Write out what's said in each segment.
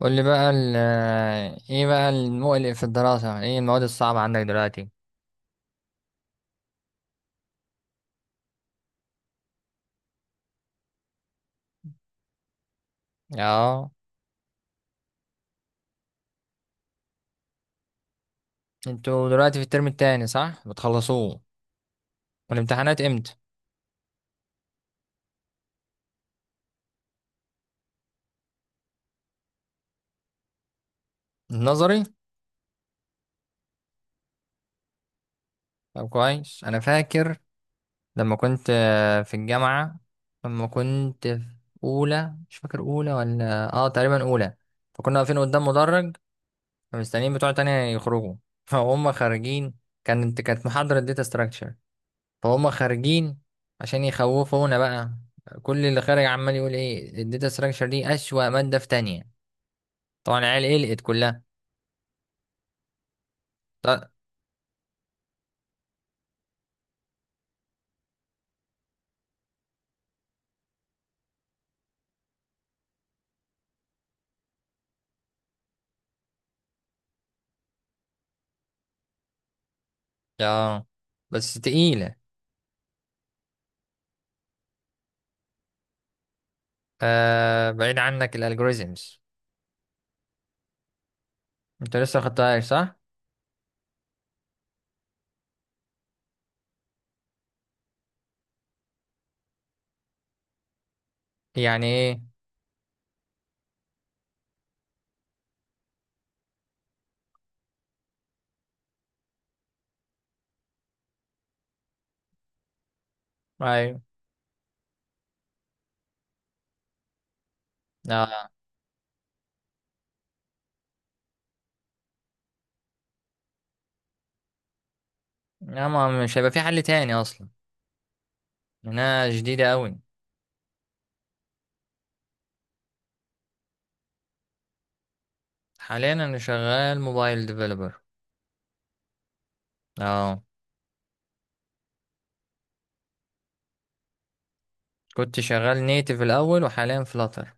قول لي بقى ايه بقى المقلق في الدراسة؟ ايه المواد الصعبة عندك دلوقتي؟ اه. انتوا دلوقتي في الترم التاني صح بتخلصوه؟ والامتحانات امتى؟ النظري؟ طب كويس، انا فاكر لما كنت في الجامعة، لما كنت في اولى، مش فاكر اولى ولا تقريبا اولى. فكنا واقفين قدام مدرج فمستنيين بتوع تانية يخرجوا فهم خارجين. كانت محاضرة داتا ستراكشر، فهم خارجين عشان يخوفونا بقى. كل اللي خارج عمال يقول ايه الداتا ستراكشر دي، اسوأ مادة في تانية. طبعا العيال قلقت كلها. طب. يا، بس تقيلة. آه بعيد عنك الالجوريزمز. انت لسه خدتهاش صح؟ يعني ايه؟ ايوه. اه. لا، ما مش هيبقى في حل تاني اصلا. انا جديدة قوي. حاليا انا شغال موبايل ديفلوبر. اه. كنت شغال نيتف الاول وحاليا فلاتر.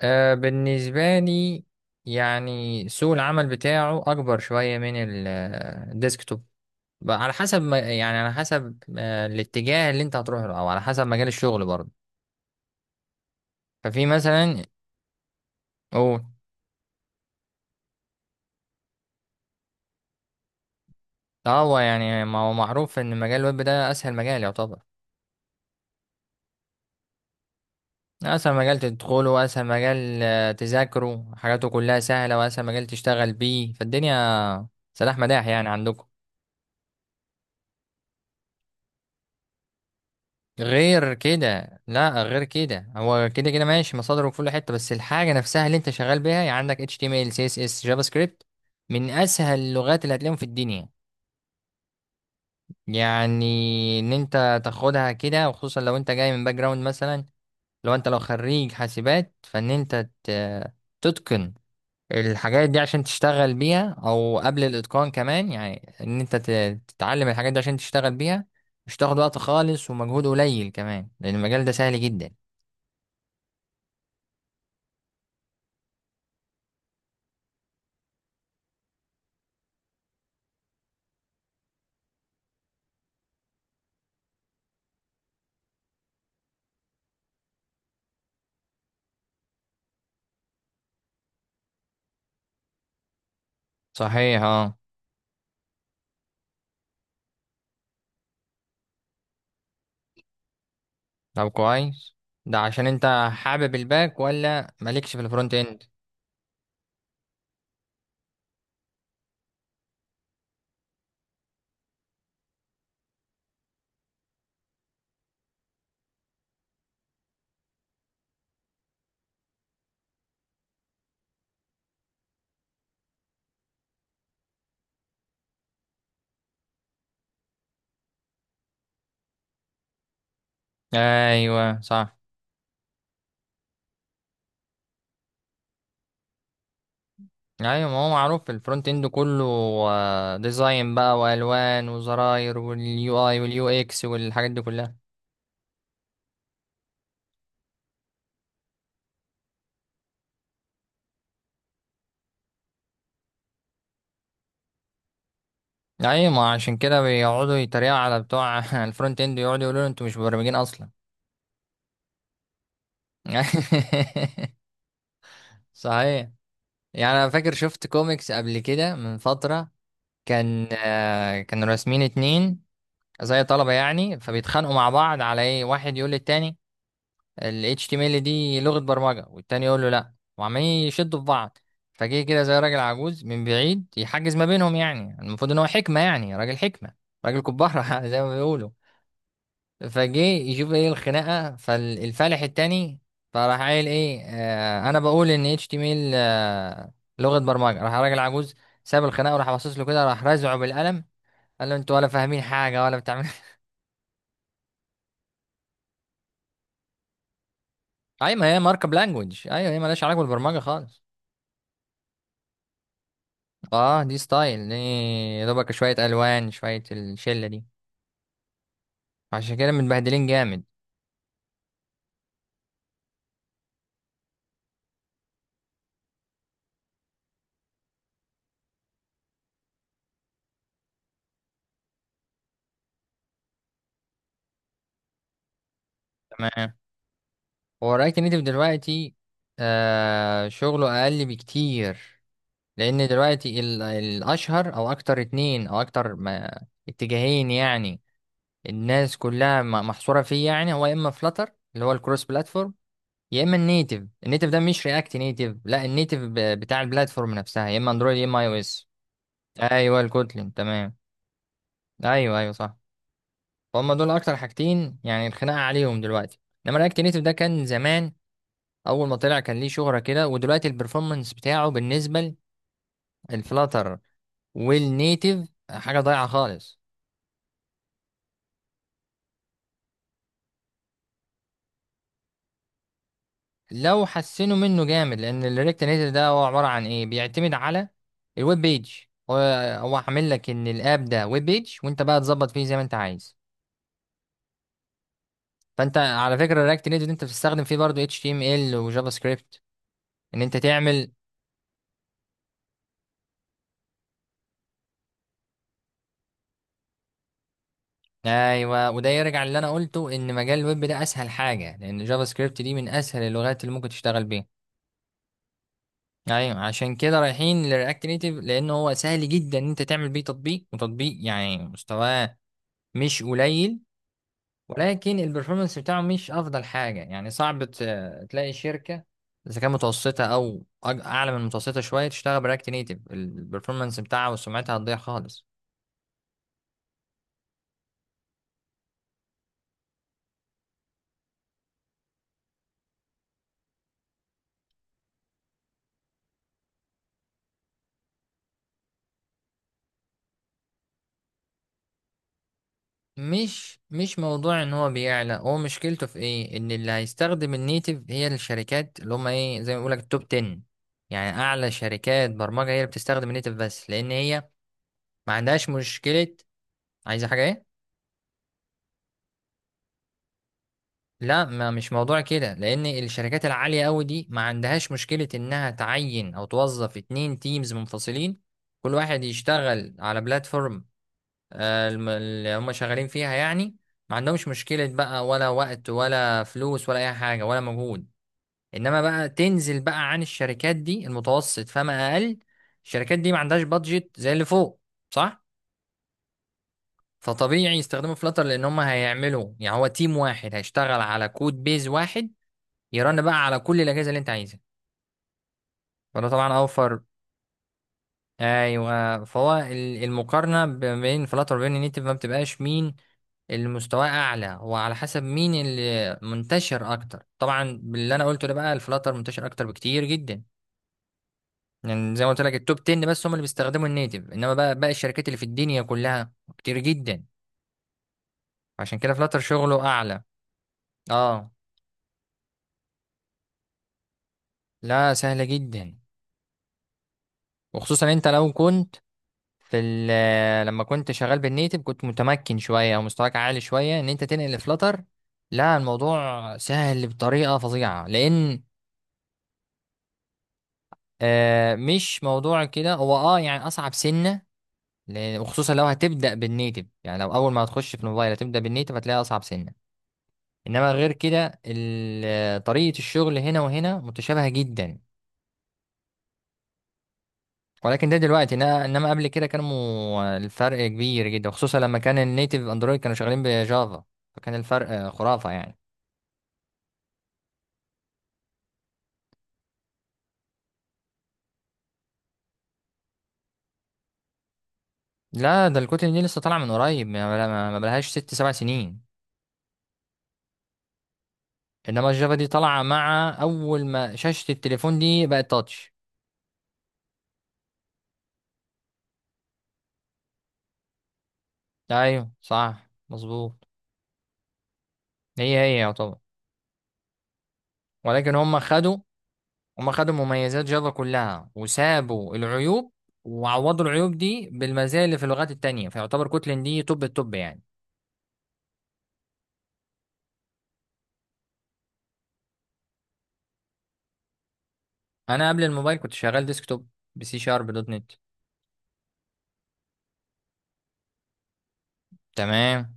آه بالنسبة لي، يعني سوق العمل بتاعه أكبر شوية من الديسكتوب. بقى على حسب ما يعني، على حسب الاتجاه اللي أنت هتروح له، أو على حسب مجال الشغل برضه. ففي مثلا، أو، اه هو يعني ما هو معروف إن مجال الويب ده أسهل مجال يعتبر. أسهل مجال تدخله، وأسهل مجال تذاكره، حاجاته كلها سهلة، وأسهل مجال تشتغل بيه فالدنيا. سلاح مداح يعني عندكم. غير كده، لا غير كده هو كده كده ماشي، مصادره في كل حته، بس الحاجه نفسها اللي انت شغال بيها، يعني عندك HTML CSS جافا سكريبت، من اسهل اللغات اللي هتلاقيهم في الدنيا. يعني ان انت تاخدها كده، وخصوصا لو انت جاي من باك جراوند مثلا، لو انت، لو خريج حاسبات، فان تتقن الحاجات دي عشان تشتغل بيها، او قبل الاتقان كمان، يعني ان تتعلم الحاجات دي عشان تشتغل بيها. مش تاخد وقت خالص، ومجهود قليل كمان، لان المجال ده سهل جدا. صحيح اه. طب كويس. ده عشان انت حابب الباك ولا مالكش في الفرونت اند؟ ايوه صح. ايوه، ما هو معروف الفرونت اند كله ديزاين بقى، والوان وزراير واليو اي واليو اكس والحاجات دي كلها. ايوه، ما عشان كده بيقعدوا يتريقوا على بتوع الفرونت اند، يقعدوا يقولوا انتوا مش مبرمجين اصلا. صحيح. يعني انا فاكر شفت كوميكس قبل كده من فترة. كان كانوا راسمين اتنين، زي طلبة يعني، فبيتخانقوا مع بعض على ايه، واحد يقول للتاني ال HTML دي لغة برمجة، والتاني يقول له لا. وعمالين يشدوا في بعض، فجه كده زي راجل عجوز من بعيد يحجز ما بينهم. يعني المفروض ان هو حكمة، يعني راجل حكمة، راجل كبارة زي ما بيقولوا. فجه يشوف ايه الخناقة، فالفالح التاني فراح قايل ايه، آه انا بقول ان HTML آه لغة برمجة. راح راجل عجوز ساب الخناقة، وراح باصص له كده، راح رازعه بالقلم. قال له انتوا ولا فاهمين حاجة ولا بتعمل. اي، ما هي ماركة بلانجوج. ايوه، هي مالهاش علاقة بالبرمجة خالص. اه دي ستايل دي. يا دوبك شوية الوان، شوية الشلة دي. عشان كده متبهدلين جامد. تمام. هو الرايت نيتف دلوقتي آه شغله اقل بكتير، لان دلوقتي الاشهر او اكتر، اتنين او اكتر ما اتجاهين يعني. الناس كلها محصورة فيه. يعني هو يا اما فلاتر اللي هو الكروس بلاتفورم، يا اما النيتف. النيتف ده مش رياكت نيتف، لا، النيتف بتاع البلاتفورم نفسها، يا اما اندرويد يا اما اي او اس. ايوه الكوتلين تمام. ايوه ايوه صح. فهم دول اكتر حاجتين يعني الخناقه عليهم دلوقتي. انما رياكت نيتف ده كان زمان، اول ما طلع كان ليه شهره كده، ودلوقتي البرفورمانس بتاعه بالنسبه للفلاتر والنيتف حاجه ضايعه خالص. لو حسنوا منه جامد. لان الرياكت نيتف ده هو عباره عن ايه، بيعتمد على الويب بيج. هو، هو عامل لك ان الاب ده ويب بيج، وانت بقى تظبط فيه زي ما انت عايز. فانت على فكره الرياكت نيتف انت بتستخدم فيه برضه اتش تي ام ال وجافا سكريبت، ان انت تعمل. ايوه وده يرجع اللي انا قلته، ان مجال الويب ده اسهل حاجه، لان جافا سكريبت دي من اسهل اللغات اللي ممكن تشتغل بيها. ايوه عشان كده رايحين لرياكت نيتيف، لان هو سهل جدا ان انت تعمل بيه تطبيق، وتطبيق يعني مستواه مش قليل. ولكن البرفورمانس بتاعه مش افضل حاجه، يعني صعب تلاقي شركه، اذا كانت متوسطه او اعلى من المتوسطه شويه، تشتغل برياكت نيتيف، البرفورمانس بتاعها وسمعتها هتضيع خالص. مش موضوع ان هو بيعلى، هو مشكلته في ايه، ان اللي هيستخدم النيتف هي الشركات اللي هم ايه، زي ما بيقولك التوب 10. يعني اعلى شركات برمجة هي اللي بتستخدم النيتف، بس لان هي ما عندهاش مشكلة. عايزة حاجة ايه؟ لا ما مش موضوع كده، لان الشركات العالية قوي دي ما عندهاش مشكلة انها تعين او توظف 2 تيمز منفصلين، كل واحد يشتغل على بلاتفورم اللي هم شغالين فيها يعني. ما عندهمش مشكلة بقى، ولا وقت ولا فلوس ولا أي حاجة ولا مجهود. إنما بقى تنزل بقى عن الشركات دي، المتوسط فما أقل، الشركات دي ما عندهاش بادجت زي اللي فوق، صح؟ فطبيعي يستخدموا فلاتر، لأن هم هيعملوا يعني هو تيم واحد هيشتغل على كود بيز واحد، يرن بقى على كل الأجهزة اللي أنت عايزها. فده طبعا أوفر. أيوه. فهو المقارنة بين فلاتر وبين نيتف ما بتبقاش مين اللي مستواه اعلى، وعلى حسب مين اللي منتشر اكتر. طبعا باللي انا قلته ده بقى، الفلاتر منتشر اكتر بكتير جدا. يعني زي ما قلت لك التوب 10 بس هم اللي بيستخدموا النيتف، انما بقى باقي الشركات اللي في الدنيا كلها كتير جدا. عشان كده فلاتر شغله اعلى. اه. لا سهله جدا، وخصوصا انت لو كنت في لما كنت شغال بالنيتف، كنت متمكن شويه او مستواك عالي شويه، ان انت تنقل لفلاتر، لا الموضوع سهل بطريقه فظيعه، لان آه مش موضوع كده، هو اه يعني اصعب سنه. وخصوصا لو هتبدا بالنيتف، يعني لو اول ما هتخش في الموبايل هتبدا بالنيتف، هتلاقي اصعب سنه. انما غير كده طريقه الشغل هنا وهنا متشابهه جدا. ولكن ده دلوقتي، إنما قبل كده كانوا، الفرق كبير جدا، وخصوصا لما كان النيتف اندرويد كانوا شغالين بجافا، فكان الفرق خرافه يعني. لا ده الكتل دي لسه طالعه من قريب، ما بلهاش 6 7 سنين. انما الجافا دي طالعه مع اول ما شاشه التليفون دي بقت تاتش. ايوه صح مظبوط. هي يعتبر. ولكن هم خدوا مميزات جافا كلها وسابوا العيوب، وعوضوا العيوب دي بالمزايا اللي في اللغات التانية، فيعتبر كوتلين دي توب التوب يعني. انا قبل الموبايل كنت شغال ديسكتوب، بسي شارب دوت نت. تمام.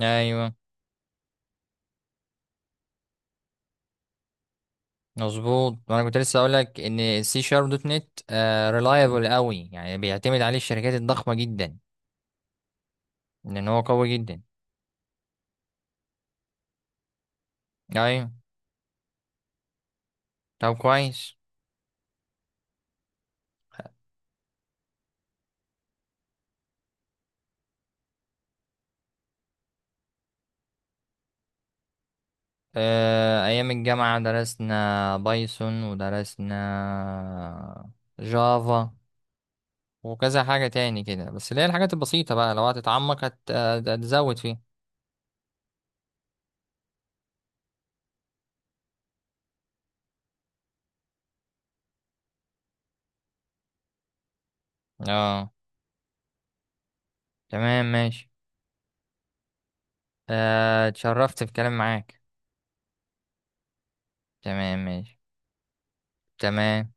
ايوه مظبوط، وانا كنت لسه اقول لك ان السي شارب دوت نت آه ريلايبل قوي، يعني بيعتمد عليه الشركات الضخمة جدا، لان هو قوي جدا. ايوه. طب كويس. أيام الجامعة درسنا بايثون ودرسنا جافا، وكذا حاجة تاني كده، بس اللي هي الحاجات البسيطة بقى، لو هتتعمق هتزود فيها. اه. تمام ماشي. اتشرفت في الكلام معاك. تمام ماشي. تمام.